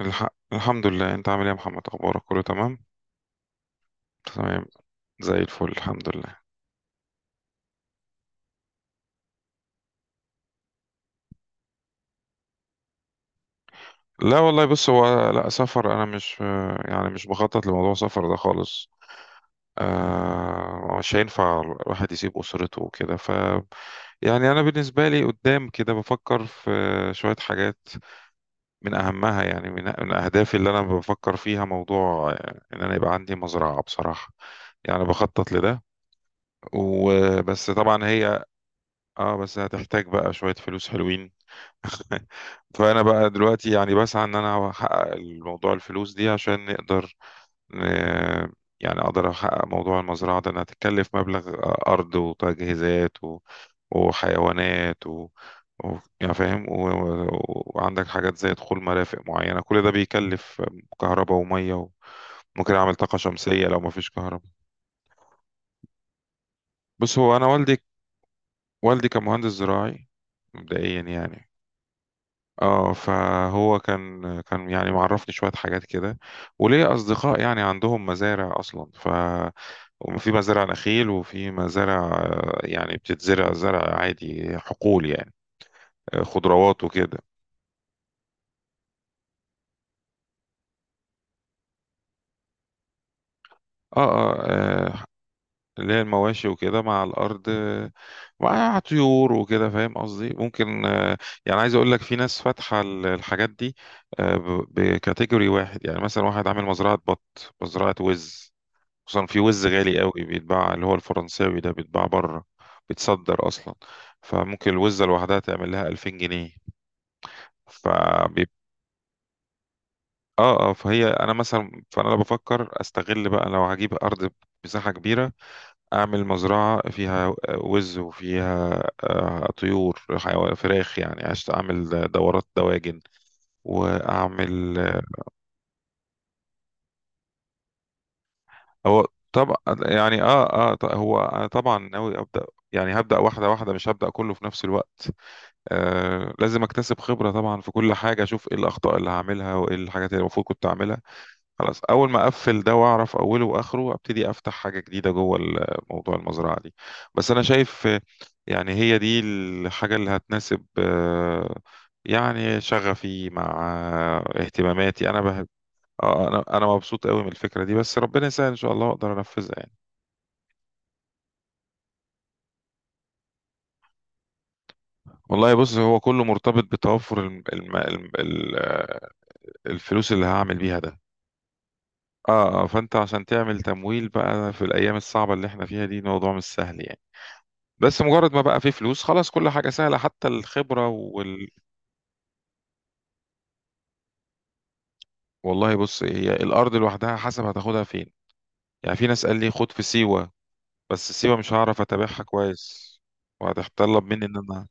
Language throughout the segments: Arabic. الحمد لله. انت عامل ايه يا محمد؟ اخبارك كله تمام؟ تمام. زي الفل الحمد لله. لا والله، بص، هو لا سفر، انا مش يعني مش بخطط لموضوع سفر ده خالص. آه، مش هينفع الواحد يسيب اسرته وكده، ف يعني انا بالنسبه لي قدام كده بفكر في شويه حاجات. من اهمها يعني من اهدافي اللي انا بفكر فيها، موضوع ان انا يبقى عندي مزرعه بصراحه. يعني بخطط لده وبس. طبعا هي اه، بس هتحتاج بقى شويه فلوس حلوين. فانا بقى دلوقتي يعني بسعى ان انا احقق الموضوع، الفلوس دي، عشان نقدر ن... يعني اقدر احقق موضوع المزرعه ده، انها تتكلف مبلغ. ارض وتجهيزات وحيوانات يعني فاهم وعندك حاجات زي دخول مرافق معينه، كل ده بيكلف. كهرباء وميه ممكن اعمل طاقه شمسيه لو مفيش كهرباء. بص، هو انا والدي، والدي كان مهندس زراعي مبدئيا يعني. اه، فهو كان يعني معرفني شوية حاجات كده، وليا أصدقاء يعني عندهم مزارع أصلا. ف وفي مزارع نخيل وفي مزارع، يعني بتتزرع زرع عادي، حقول يعني، خضروات وكده. اه اه، آه، اللي هي المواشي وكده مع الأرض، مع طيور وكده، فاهم قصدي، ممكن. يعني عايز أقول لك، في ناس فاتحة الحاجات دي، بكاتيجوري واحد. يعني مثلا واحد عامل مزرعة بط، مزرعة وز، خصوصا في وز غالي قوي بيتباع، اللي هو الفرنساوي ده، بيتباع بره، بيتصدر اصلا. فممكن الوزة لوحدها تعمل لها 2000 جنيه. فبيب... اه اه، فهي انا مثلا، فانا لو بفكر استغل بقى، لو هجيب ارض مساحة كبيرة، اعمل مزرعة فيها وز وفيها طيور، حيوان، فراخ، يعني عشان اعمل دورات دواجن واعمل. هو طبعا، يعني اه اه، هو انا طبعا ناوي ابدا. يعني هبدا واحدة واحدة، مش هبدا كله في نفس الوقت. آه، لازم اكتسب خبرة طبعا في كل حاجة، اشوف ايه الاخطاء اللي هعملها وايه الحاجات اللي المفروض كنت اعملها. خلاص، اول ما اقفل ده واعرف اوله واخره ابتدي افتح حاجة جديدة جوه موضوع المزرعة دي. بس انا شايف، يعني هي دي الحاجة اللي هتناسب، يعني شغفي مع اهتماماتي، انا بحب. انا مبسوط قوي من الفكرة دي، بس ربنا يسهل ان شاء الله اقدر انفذها يعني. والله، بص، هو كله مرتبط بتوفر الفلوس اللي هعمل بيها ده. اه اه، فانت عشان تعمل تمويل بقى في الايام الصعبه اللي احنا فيها دي، موضوع مش سهل يعني. بس مجرد ما بقى في فلوس خلاص، كل حاجه سهله، حتى الخبره والله، بص، هي الارض لوحدها حسب هتاخدها فين. يعني في ناس قال لي خد في سيوه، بس سيوه مش هعرف اتابعها كويس وهتتطلب مني ان انا.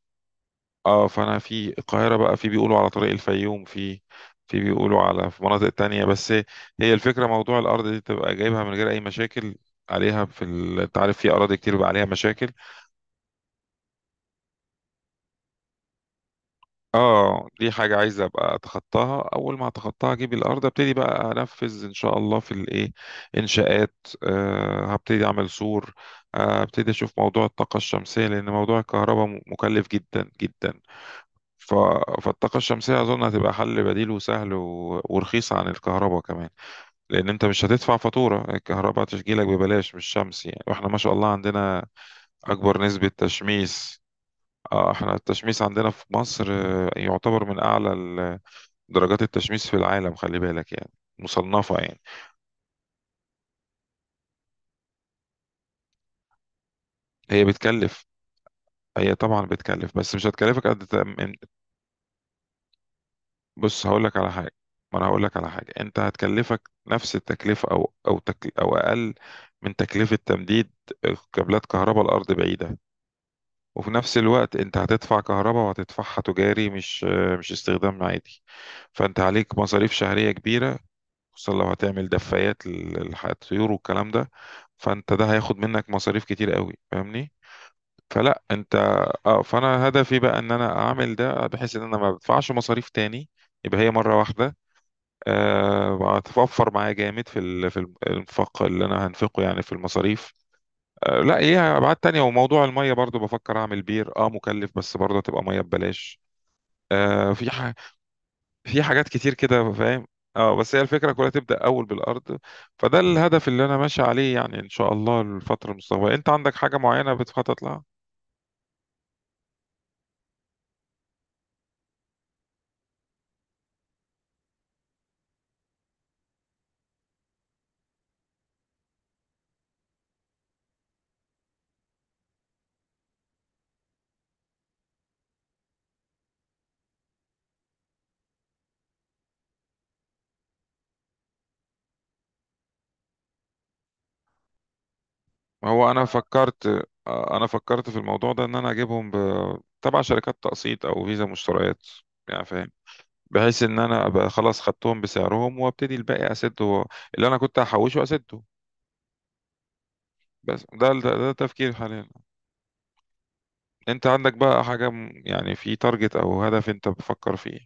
اه، فانا في القاهره بقى، في بيقولوا على طريق الفيوم، في، في بيقولوا على، في مناطق تانية بس. هي الفكره، موضوع الارض دي تبقى جايبها من غير اي مشاكل عليها. في انت عارف في اراضي كتير بقى عليها مشاكل. اه، دي حاجة عايز ابقى اتخطاها، اول ما اتخطاها اجيب الارض ابتدي بقى انفذ ان شاء الله في الايه انشاءات. أه، هبتدي اعمل سور، هبتدي اشوف موضوع الطاقة الشمسية، لان موضوع الكهرباء مكلف جدا جدا. ف... فالطاقة الشمسية اظن هتبقى حل بديل وسهل ورخيص عن الكهرباء كمان. لان انت مش هتدفع فاتورة الكهرباء، تشجيلك ببلاش، مش شمس يعني، واحنا ما شاء الله عندنا اكبر نسبة تشميس. احنا التشميس عندنا في مصر يعتبر من اعلى درجات التشميس في العالم، خلي بالك يعني، مصنفة يعني. هي بتكلف، هي طبعا بتكلف، بس مش هتكلفك قد تأمين. بص هقول لك على حاجة، ما انا هقول لك على حاجة. انت هتكلفك نفس التكلفة او تكل او اقل من تكلفة تمديد كابلات كهرباء، الارض بعيدة. وفي نفس الوقت انت هتدفع كهرباء، وهتدفعها تجاري، مش مش استخدام عادي. فانت عليك مصاريف شهرية كبيرة، خصوصا لو هتعمل دفايات للطيور والكلام ده. فانت ده هياخد منك مصاريف كتير قوي، فاهمني؟ فلا انت. اه، فانا هدفي بقى ان انا اعمل ده، بحيث ان انا ما بدفعش مصاريف تاني. يبقى هي مره واحده، أه هتوفر معايا جامد في في الانفاق اللي انا هنفقه يعني في المصاريف. أه لا، ايه، ابعاد تانية. وموضوع الميه برضو بفكر اعمل بير، اه مكلف بس برضه هتبقى ميه ببلاش. أه في حاجات كتير كده، فاهم. اه، بس هي الفكره كلها تبدا اول بالارض. فده الهدف اللي انا ماشي عليه يعني ان شاء الله الفتره المستقبليه. انت عندك حاجه معينه بتخطط لها؟ هو انا فكرت، انا فكرت في الموضوع ده ان انا اجيبهم تبع شركات تقسيط او فيزا مشتريات، يعني فاهم، بحيث ان انا ابقى خلاص خدتهم بسعرهم وابتدي الباقي اسده، اللي انا كنت هحوشه اسده. بس ده تفكير حاليا. انت عندك بقى حاجة يعني في تارجت او هدف انت بتفكر فيه؟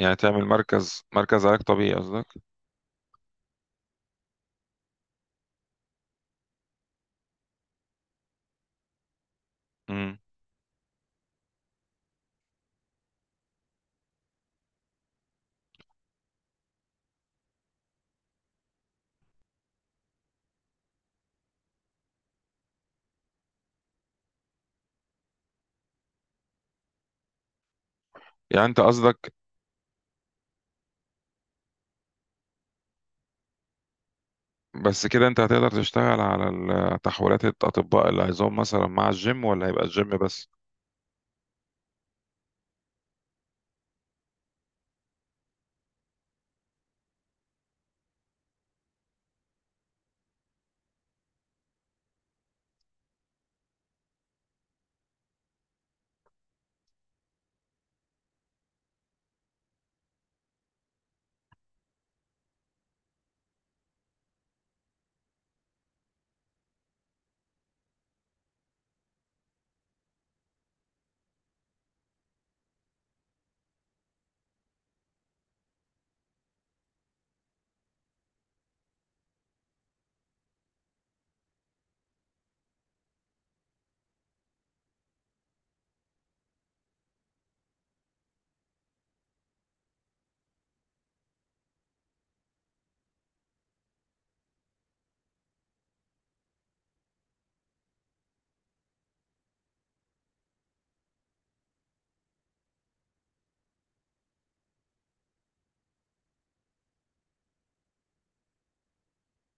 يعني تعمل مركز مركز علاج طبيعي قصدك؟ امم يعني انت قصدك، بس كده انت هتقدر تشتغل على تحويلات الاطباء اللي عايزهم مثلا مع الجيم، ولا هيبقى الجيم بس؟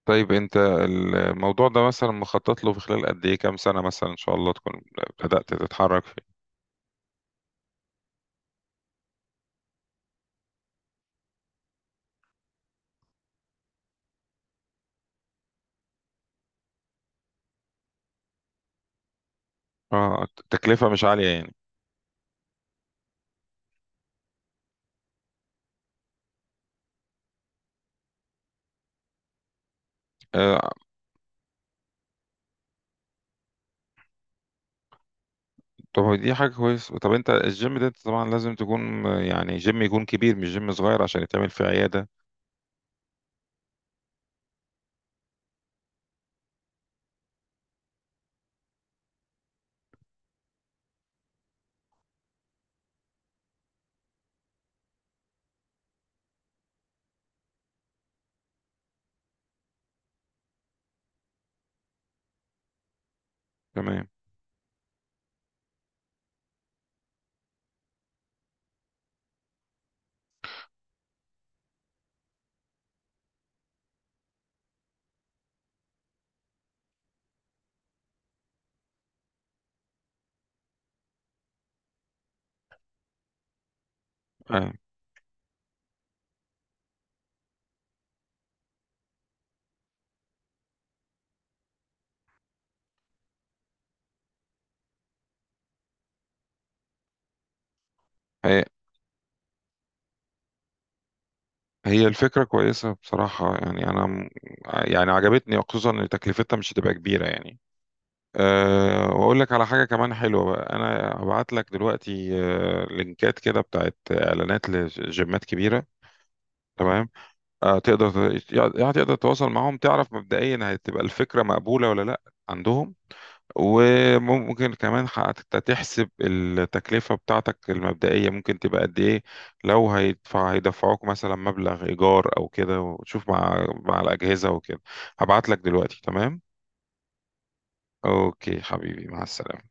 طيب، انت الموضوع ده مثلا مخطط له في خلال قد ايه، كام سنة مثلا ان شاء الله تكون بدأت تتحرك فيه؟ اه، تكلفة مش عالية يعني؟ آه. طب هو دي حاجة كويس. طب انت الجيم ده انت طبعا لازم تكون يعني جيم يكون كبير، مش جيم صغير، عشان يتعمل فيه عيادة؟ تمام. آه. هي هي الفكرة كويسة بصراحة يعني، انا يعني عجبتني، خصوصا ان تكلفتها مش هتبقى كبيرة يعني. أه، واقول لك على حاجه كمان حلوه بقى، انا هبعت لك دلوقتي أه لينكات كده بتاعت اعلانات لجيمات كبيره. تمام. أه تقدر يعني تقدر تتواصل معاهم، تعرف مبدئيا هتبقى الفكره مقبوله ولا لا عندهم. وممكن كمان حتى تحسب التكلفه بتاعتك المبدئيه ممكن تبقى قد ايه، لو هيدفع هيدفعوك مثلا مبلغ ايجار او كده، وتشوف مع مع الاجهزه وكده. هبعت لك دلوقتي. تمام. اوكي حبيبي، مع السلامه.